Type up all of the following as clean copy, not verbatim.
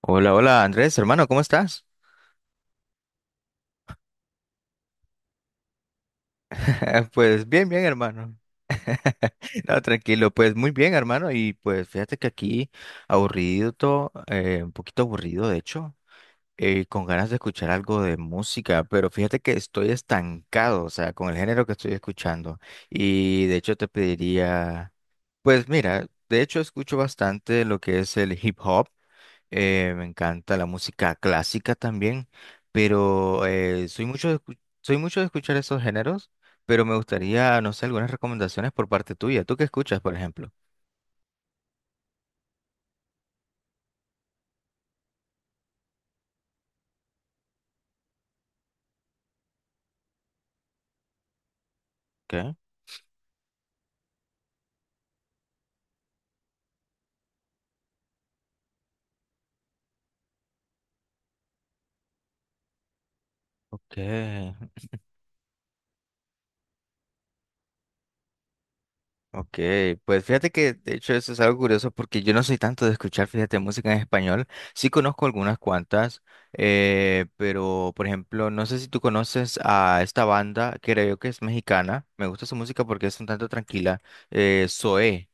Hola, hola Andrés, hermano, ¿cómo estás? Pues bien, bien, hermano. No, tranquilo, pues muy bien, hermano. Y pues fíjate que aquí aburrido, todo, un poquito aburrido, de hecho, con ganas de escuchar algo de música, pero fíjate que estoy estancado, o sea, con el género que estoy escuchando. Y de hecho te pediría, pues mira, de hecho escucho bastante lo que es el hip hop. Me encanta la música clásica también, pero soy mucho soy mucho de escuchar esos géneros, pero me gustaría, no sé, algunas recomendaciones por parte tuya. ¿Tú qué escuchas, por ejemplo? ¿Qué? Okay. Okay. Pues fíjate que de hecho eso es algo curioso porque yo no soy tanto de escuchar, fíjate, música en español. Sí conozco algunas cuantas, pero por ejemplo, no sé si tú conoces a esta banda, creo que es mexicana. Me gusta su música porque es un tanto tranquila. Zoé.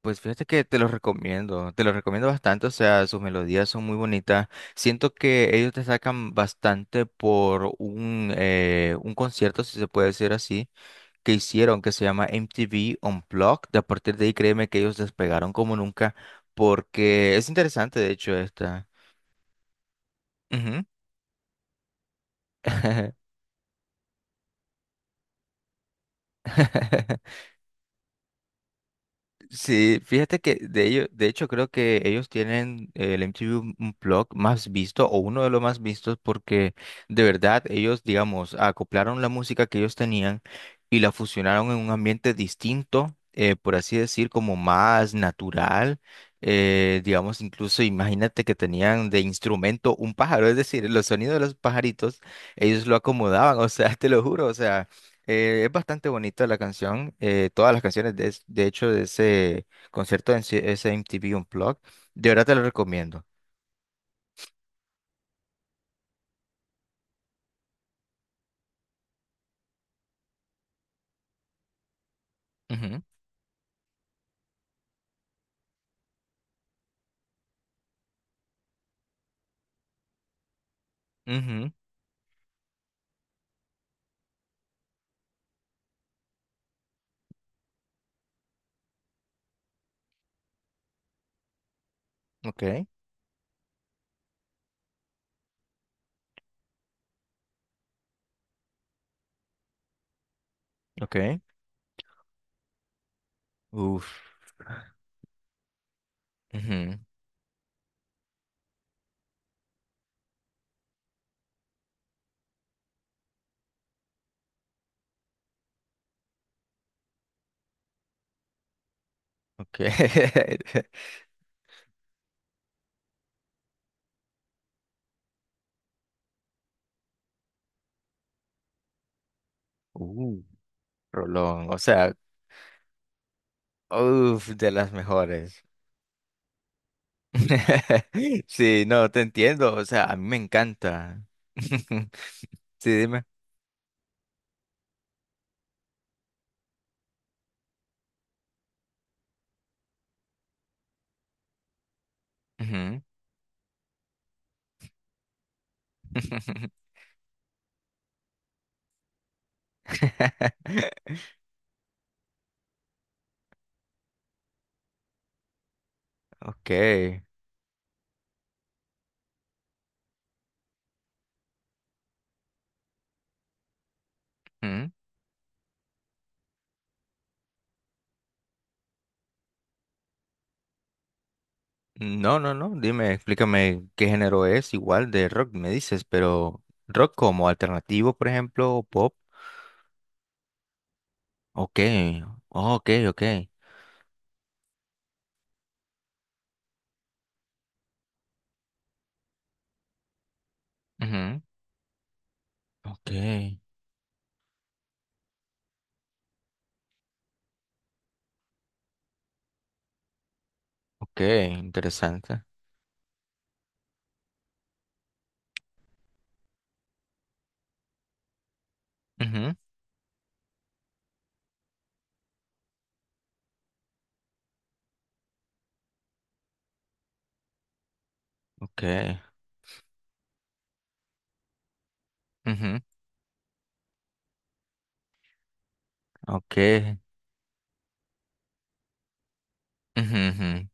Pues fíjate que te los recomiendo bastante, o sea, sus melodías son muy bonitas. Siento que ellos te sacan bastante por un concierto, si se puede decir así, que hicieron, que se llama MTV Unplugged. De a partir de ahí, créeme que ellos despegaron como nunca, porque es interesante, de hecho, esta. Ujú. Sí, fíjate que de hecho creo que ellos tienen el MTV Unplugged más visto o uno de los más vistos porque de verdad ellos, digamos, acoplaron la música que ellos tenían y la fusionaron en un ambiente distinto, por así decir, como más natural. Digamos, incluso imagínate que tenían de instrumento un pájaro, es decir, los sonidos de los pajaritos, ellos lo acomodaban, o sea, te lo juro, o sea. Es bastante bonita la canción. Todas las canciones, de hecho, de ese concierto, ese MTV Unplugged, de verdad te lo recomiendo. Ujú, ujú, ok, ok. Uf, ujú, ok. Uh, Rolón, o sea, uf, de las mejores. Sí, no, te entiendo. O sea, a mí me encanta. Sí, dime. Ujú. Ok. No, no, no. Dime, explícame qué género es, igual de rock me dices, pero rock como alternativo, por ejemplo, o pop. Ok, oh, ok, ok. Ujú. Ok, ok, interesante. Ujú. Ok, ujú, ok, ujú, ujú.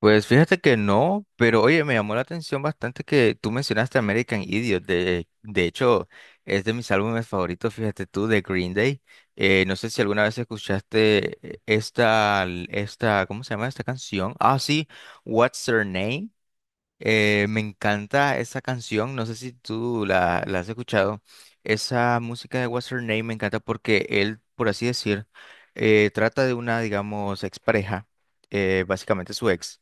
Pues fíjate que no, pero oye, me llamó la atención bastante que tú mencionaste American Idiot. De hecho, es de mis álbumes favoritos, fíjate tú, de Green Day. No sé si alguna vez escuchaste esta, ¿cómo se llama esta canción? Ah, sí, What's Her Name. Me encanta esa canción, no sé si tú la has escuchado. Esa música de What's Her Name me encanta porque él, por así decir, trata de una, digamos, expareja, básicamente su ex,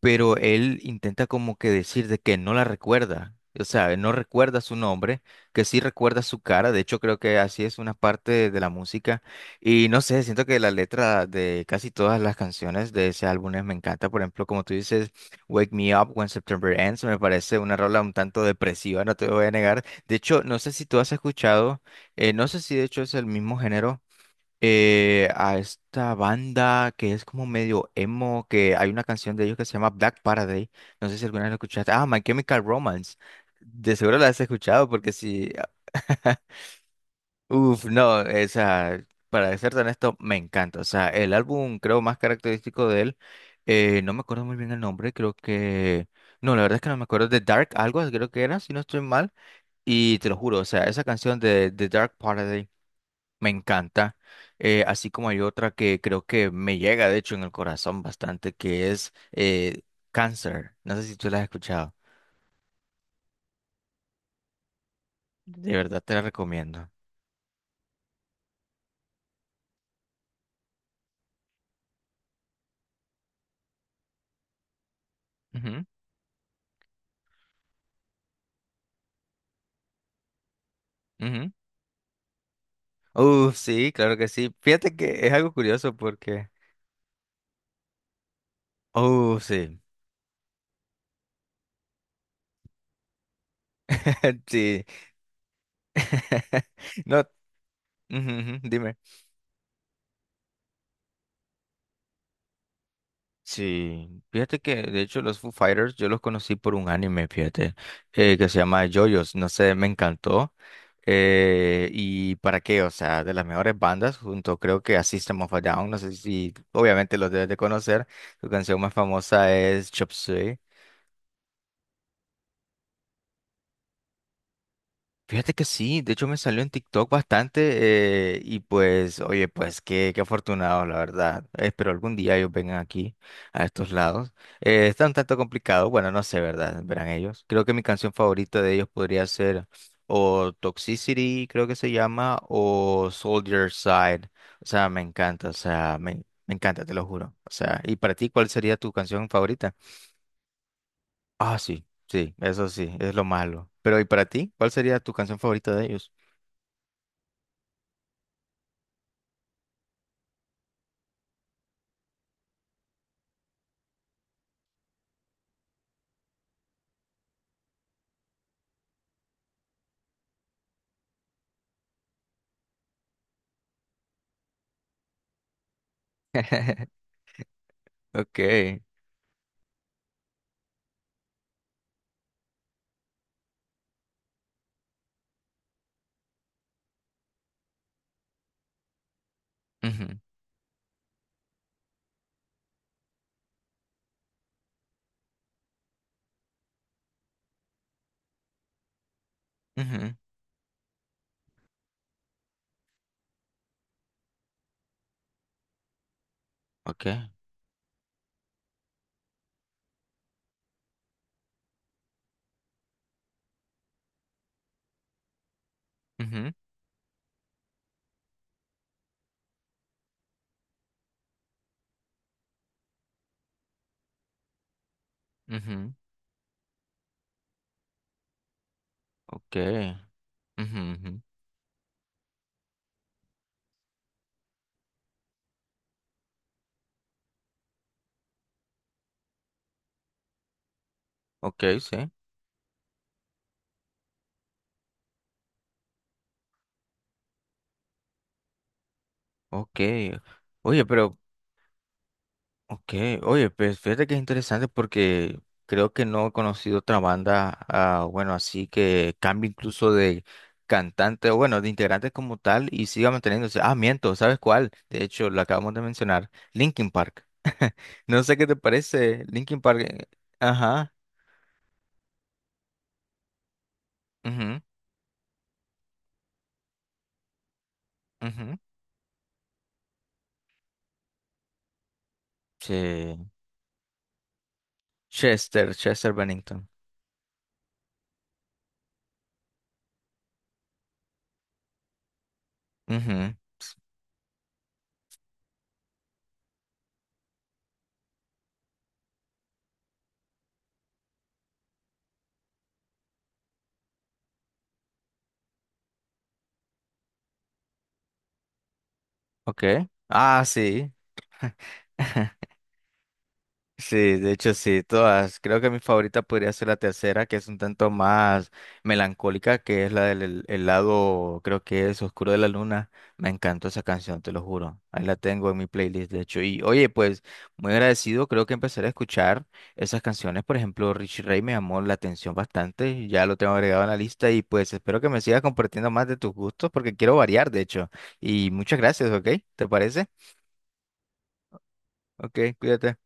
pero él intenta como que decir de que no la recuerda, o sea, no recuerda su nombre, que sí recuerda su cara, de hecho creo que así es una parte de la música y no sé, siento que la letra de casi todas las canciones de ese álbum me encanta, por ejemplo, como tú dices. Wake Me Up When September Ends me parece una rola un tanto depresiva, no te voy a negar. De hecho, no sé si tú has escuchado, no sé si de hecho es el mismo género, a esta banda que es como medio emo, que hay una canción de ellos que se llama Black Paradise. No sé si alguna vez la escuchaste. Ah, My Chemical Romance. De seguro la has escuchado porque si... Uf, no, o sea, para ser honesto, me encanta. O sea, el álbum creo más característico de él, no me acuerdo muy bien el nombre, creo que... No, la verdad es que no me acuerdo de Dark, algo creo que era, si no estoy mal. Y te lo juro, o sea, esa canción de, The Dark Paradise me encanta. Así como hay otra que creo que me llega, de hecho, en el corazón bastante, que es Cancer. No sé si tú la has escuchado. De verdad te la recomiendo. Ujú, ujú. Sí, claro que sí. Fíjate que es algo curioso porque... sí. Sí. No, ujú, ujú, dime. Sí, fíjate que de hecho los Foo Fighters yo los conocí por un anime, fíjate, que se llama JoJo's, no sé, me encantó. Y para qué, o sea, de las mejores bandas, junto creo que a System of a Down, no sé si obviamente los debes de conocer, su canción más famosa es Chop Suey. Fíjate que sí, de hecho me salió en TikTok bastante y pues, oye, pues qué, qué afortunados, la verdad. Espero algún día ellos vengan aquí, a estos lados. Está un tanto complicado, bueno, no sé, ¿verdad? Verán ellos. Creo que mi canción favorita de ellos podría ser o Toxicity, creo que se llama, o Soldier Side. O sea, me encanta, o sea, me encanta, te lo juro. O sea, ¿y para ti cuál sería tu canción favorita? Ah, sí, sí, eso sí, es lo malo. Pero ¿y para ti? ¿Cuál sería tu canción favorita de ellos? Okay. Ujú, ujú, Okay. Ujú, ujú, Okay. Ujú, ujú, Okay, sí. Okay. Oye, pero okay, oye, pues fíjate que es interesante porque creo que no he conocido otra banda ah, bueno, así que cambie incluso de cantante o bueno, de integrante como tal y siga manteniéndose. Ah, miento, ¿sabes cuál? De hecho, lo acabamos de mencionar, Linkin Park. No sé qué te parece, Linkin Park. Ajá. Ujú, ujú, Sí. Chester, Chester Bennington. Ujú, Ok. Ah, sí. Sí, de hecho sí, todas. Creo que mi favorita podría ser la tercera, que es un tanto más melancólica, que es la del el lado, creo que es Oscuro de la Luna. Me encantó esa canción, te lo juro. Ahí la tengo en mi playlist, de hecho. Y oye, pues muy agradecido, creo que empezaré a escuchar esas canciones. Por ejemplo, Richie Ray me llamó la atención bastante, ya lo tengo agregado en la lista y pues espero que me sigas compartiendo más de tus gustos porque quiero variar, de hecho. Y muchas gracias, ¿ok? ¿Te parece? Ok, cuídate.